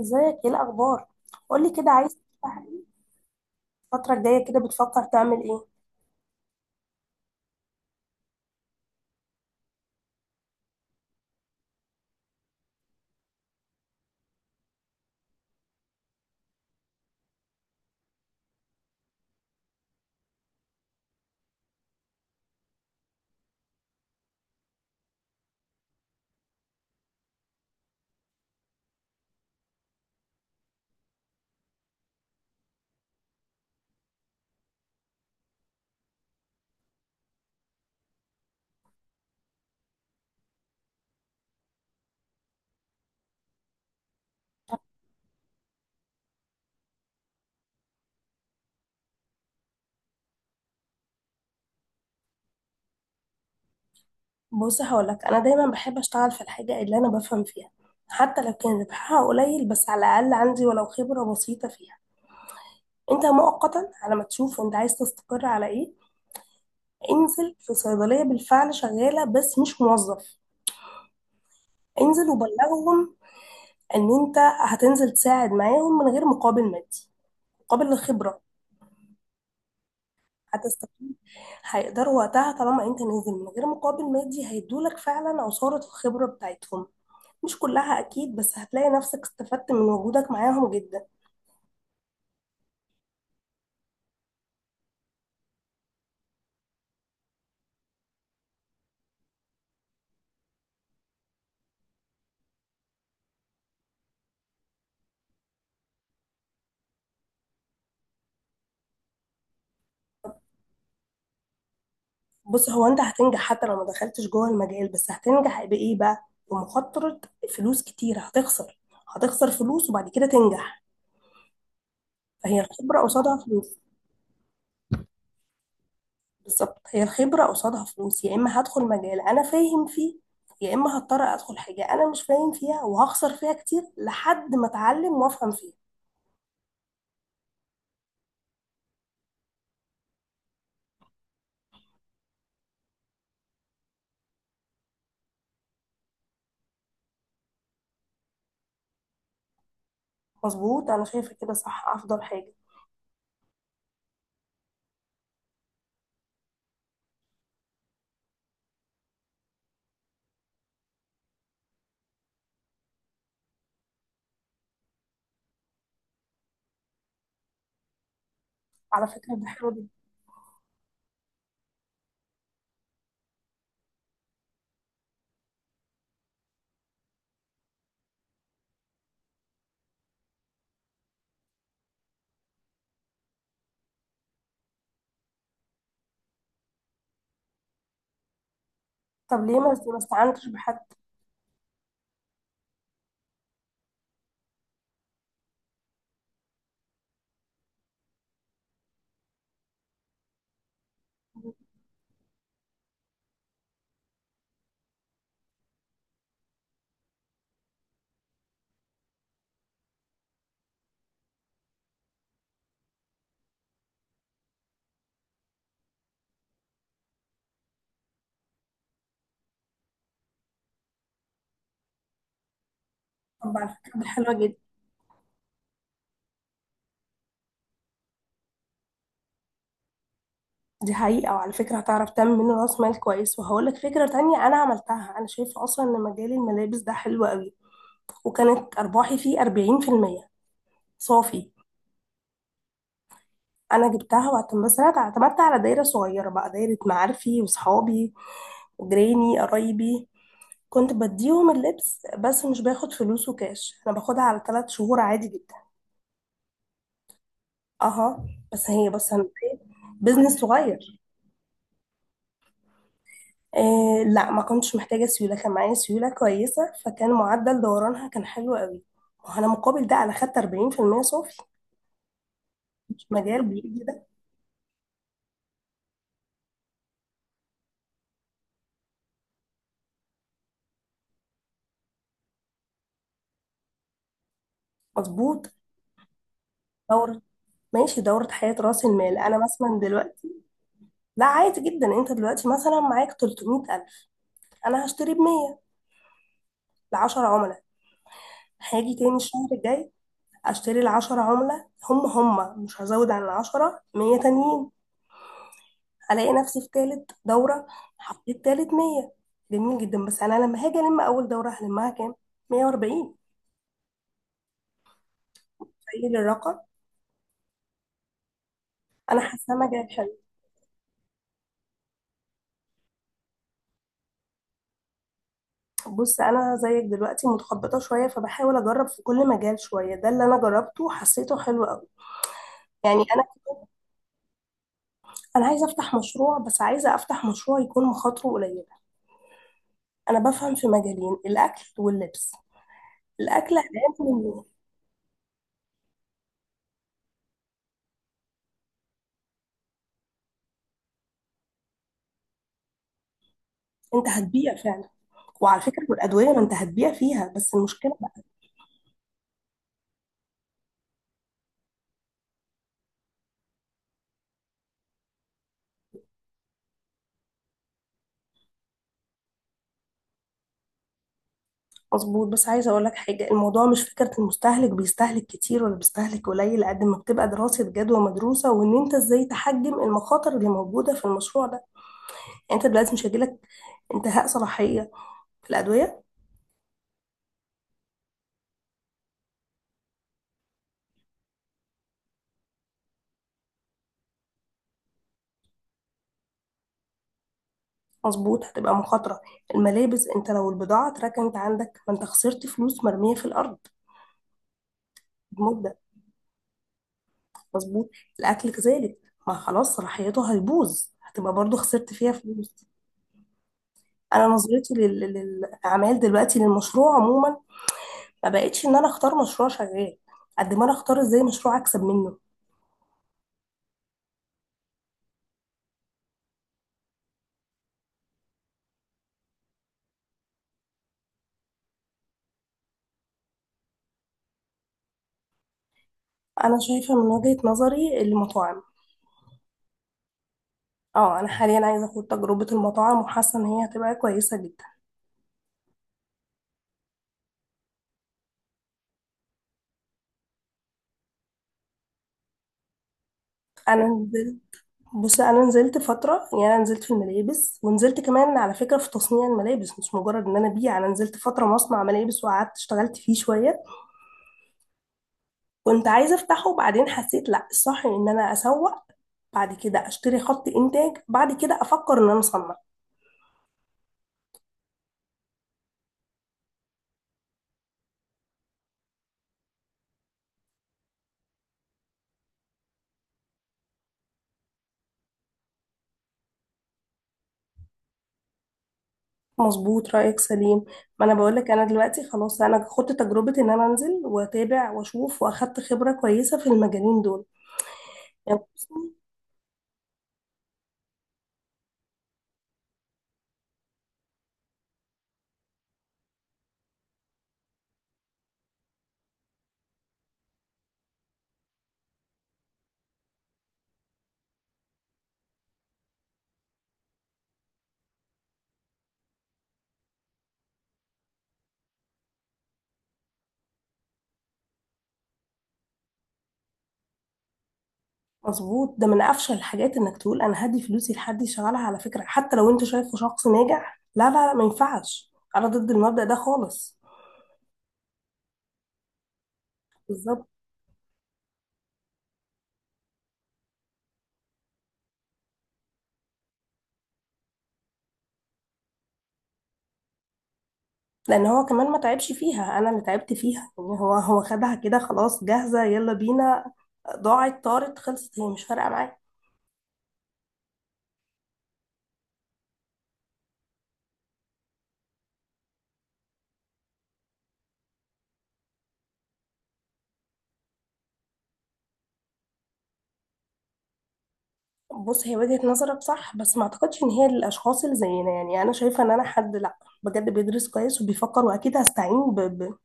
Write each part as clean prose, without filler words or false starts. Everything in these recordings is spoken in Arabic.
ازيك؟ ايه الاخبار؟ قولي كده، عايز تفتح ايه؟ الفتره الجايه كده بتفكر تعمل ايه؟ بص هقولك، انا دايما بحب اشتغل في الحاجه اللي انا بفهم فيها، حتى لو كان ربحها قليل بس على الاقل عندي ولو خبره بسيطه فيها. انت مؤقتا على ما تشوف انت عايز تستقر على ايه، انزل في صيدليه بالفعل شغاله بس مش موظف. انزل وبلغهم ان انت هتنزل تساعد معاهم من غير مقابل مادي، مقابل الخبره. هتستفيد، هيقدروا وقتها طالما انت نازل من غير مقابل مادي هيدولك فعلا عصارة الخبرة بتاعتهم. مش كلها اكيد، بس هتلاقي نفسك استفدت من وجودك معاهم جدا. بص، هو انت هتنجح حتى لو ما دخلتش جوه المجال، بس هتنجح بايه بقى؟ بمخاطرة. فلوس كتير هتخسر. هتخسر فلوس وبعد كده تنجح، فهي الخبرة قصادها فلوس. بالظبط، هي الخبرة قصادها فلوس. يا اما هدخل مجال انا فاهم فيه، يا اما هضطر ادخل حاجة انا مش فاهم فيها وهخسر فيها كتير لحد ما اتعلم وافهم فيها. مظبوط، انا شايفه كده، صح، افضل حاجه. على فكره دي حلوه جدا. طب ليه ما استعنتش بحد؟ طب على فكره دي حلوه جدا. دي حقيقه، وعلى فكره هتعرف تعمل منه راس مال كويس. وهقول لك فكره تانية انا عملتها، انا شايفه اصلا ان مجال الملابس ده حلو قوي، وكانت ارباحي فيه 40% صافي. انا جبتها واعتمدت، بس انا اعتمدت على دايره صغيره بقى، دايره معارفي وصحابي وجيراني قرايبي. كنت بديهم اللبس بس مش باخد فلوسه كاش، انا باخدها على ثلاث شهور عادي جدا. اها. بس هي بص انا، بزنس صغير. آه لا، ما كنتش محتاجة سيولة، كان معايا سيولة كويسة، فكان معدل دورانها كان حلو قوي. وانا مقابل ده انا خدت 40% صافي. مش مجال بيجي ده. مظبوط. دورة. ماشي، دورة حياة راس المال. انا مثلا دلوقتي، لا عادي جدا. انت دلوقتي مثلا معاك 300,000، انا هشتري ب 100 ل 10 عملاء، هاجي تاني الشهر الجاي اشتري ال 10 عملاء هم مش هزود عن ال 10، 100 تانيين. الاقي نفسي في تالت دوره حطيت تالت 100. جميل جدا. بس انا لما هاجي الم اول دوره هلمها كام؟ 140. تخيل الرقم. انا حاسه انا جايه حلو. بص، انا زيك دلوقتي متخبطه شويه فبحاول اجرب في كل مجال شويه، ده اللي انا جربته حسيته حلو قوي. يعني انا، انا عايزه افتح مشروع، بس عايزه افتح مشروع يكون مخاطره قليله. انا بفهم في مجالين، الاكل واللبس. الاكل هتعمل إيه؟ انت هتبيع فعلا. وعلى فكرة، والأدوية ما أنت هتبيع فيها، بس المشكلة. مظبوط، بس عايزة أقول لك حاجة، الموضوع مش فكرة المستهلك بيستهلك كتير ولا بيستهلك قليل، قد ما بتبقى دراسة جدوى مدروسة وإن أنت إزاي تحجم المخاطر اللي موجودة في المشروع ده. يعني أنت دلوقتي مش هيجيلك انتهاء صلاحية في الأدوية. مظبوط هتبقى مخاطرة. الملابس، أنت لو البضاعة اتركنت عندك، ما أنت خسرت فلوس مرمية في الأرض بمدة. مظبوط. الأكل كذلك، ما خلاص صلاحيته هيبوظ، هتبقى برضو خسرت فيها فلوس. أنا نظرتي للأعمال دلوقتي، للمشروع عموما، ما بقتش ان انا اختار مشروع شغال قد ما انا اختار ازاي مشروع اكسب منه. انا شايفه من وجهه نظري، المطاعم. اه، انا حاليا عايزه اخد تجربه المطاعم وحاسه ان هي هتبقى كويسه جدا. انا نزلت، بص انا نزلت فتره، يعني انا نزلت في الملابس ونزلت كمان على فكره في تصنيع الملابس، مش مجرد ان انا ابيع. انا نزلت فتره مصنع ملابس وقعدت اشتغلت فيه شويه، كنت عايزه افتحه، وبعدين حسيت لا، الصح ان انا اسوق بعد كده اشتري خط انتاج بعد كده افكر ان انا اصنع. مظبوط، رأيك سليم. ما انا بقولك انا دلوقتي خلاص انا خدت تجربة ان انا انزل واتابع واشوف، واخدت خبرة كويسة في المجالين دول يعني. مظبوط، ده من افشل الحاجات انك تقول انا هدي فلوسي لحد يشغلها. على فكرة، حتى لو انت شايفه شخص ناجح، لا لا لا، ما ينفعش، انا ضد المبدأ ده خالص. بالظبط. لان هو كمان ما تعبش فيها، انا اللي تعبت فيها، يعني هو، هو خدها كده خلاص جاهزة، يلا بينا، ضاعت طارت خلصت، هي مش فارقة معايا. بص، هي وجهة نظرك صح، بس ما اعتقدش ان هي للاشخاص اللي زينا. يعني انا شايفه ان انا حد، لا بجد، بيدرس كويس وبيفكر، واكيد هستعين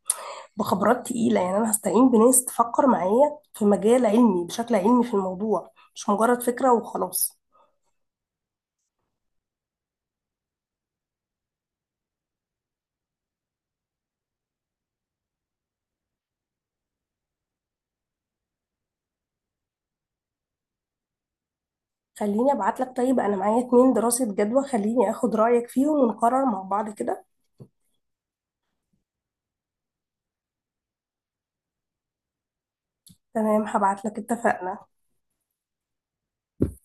بخبرات تقيله. يعني انا هستعين بناس تفكر معايا في مجال علمي بشكل علمي في الموضوع، مش مجرد فكره وخلاص. خليني ابعت لك، طيب انا معايا اتنين دراسه جدوى، خليني اخد رايك فيهم ونقرر مع بعض كده. تمام هبعت لك، اتفقنا.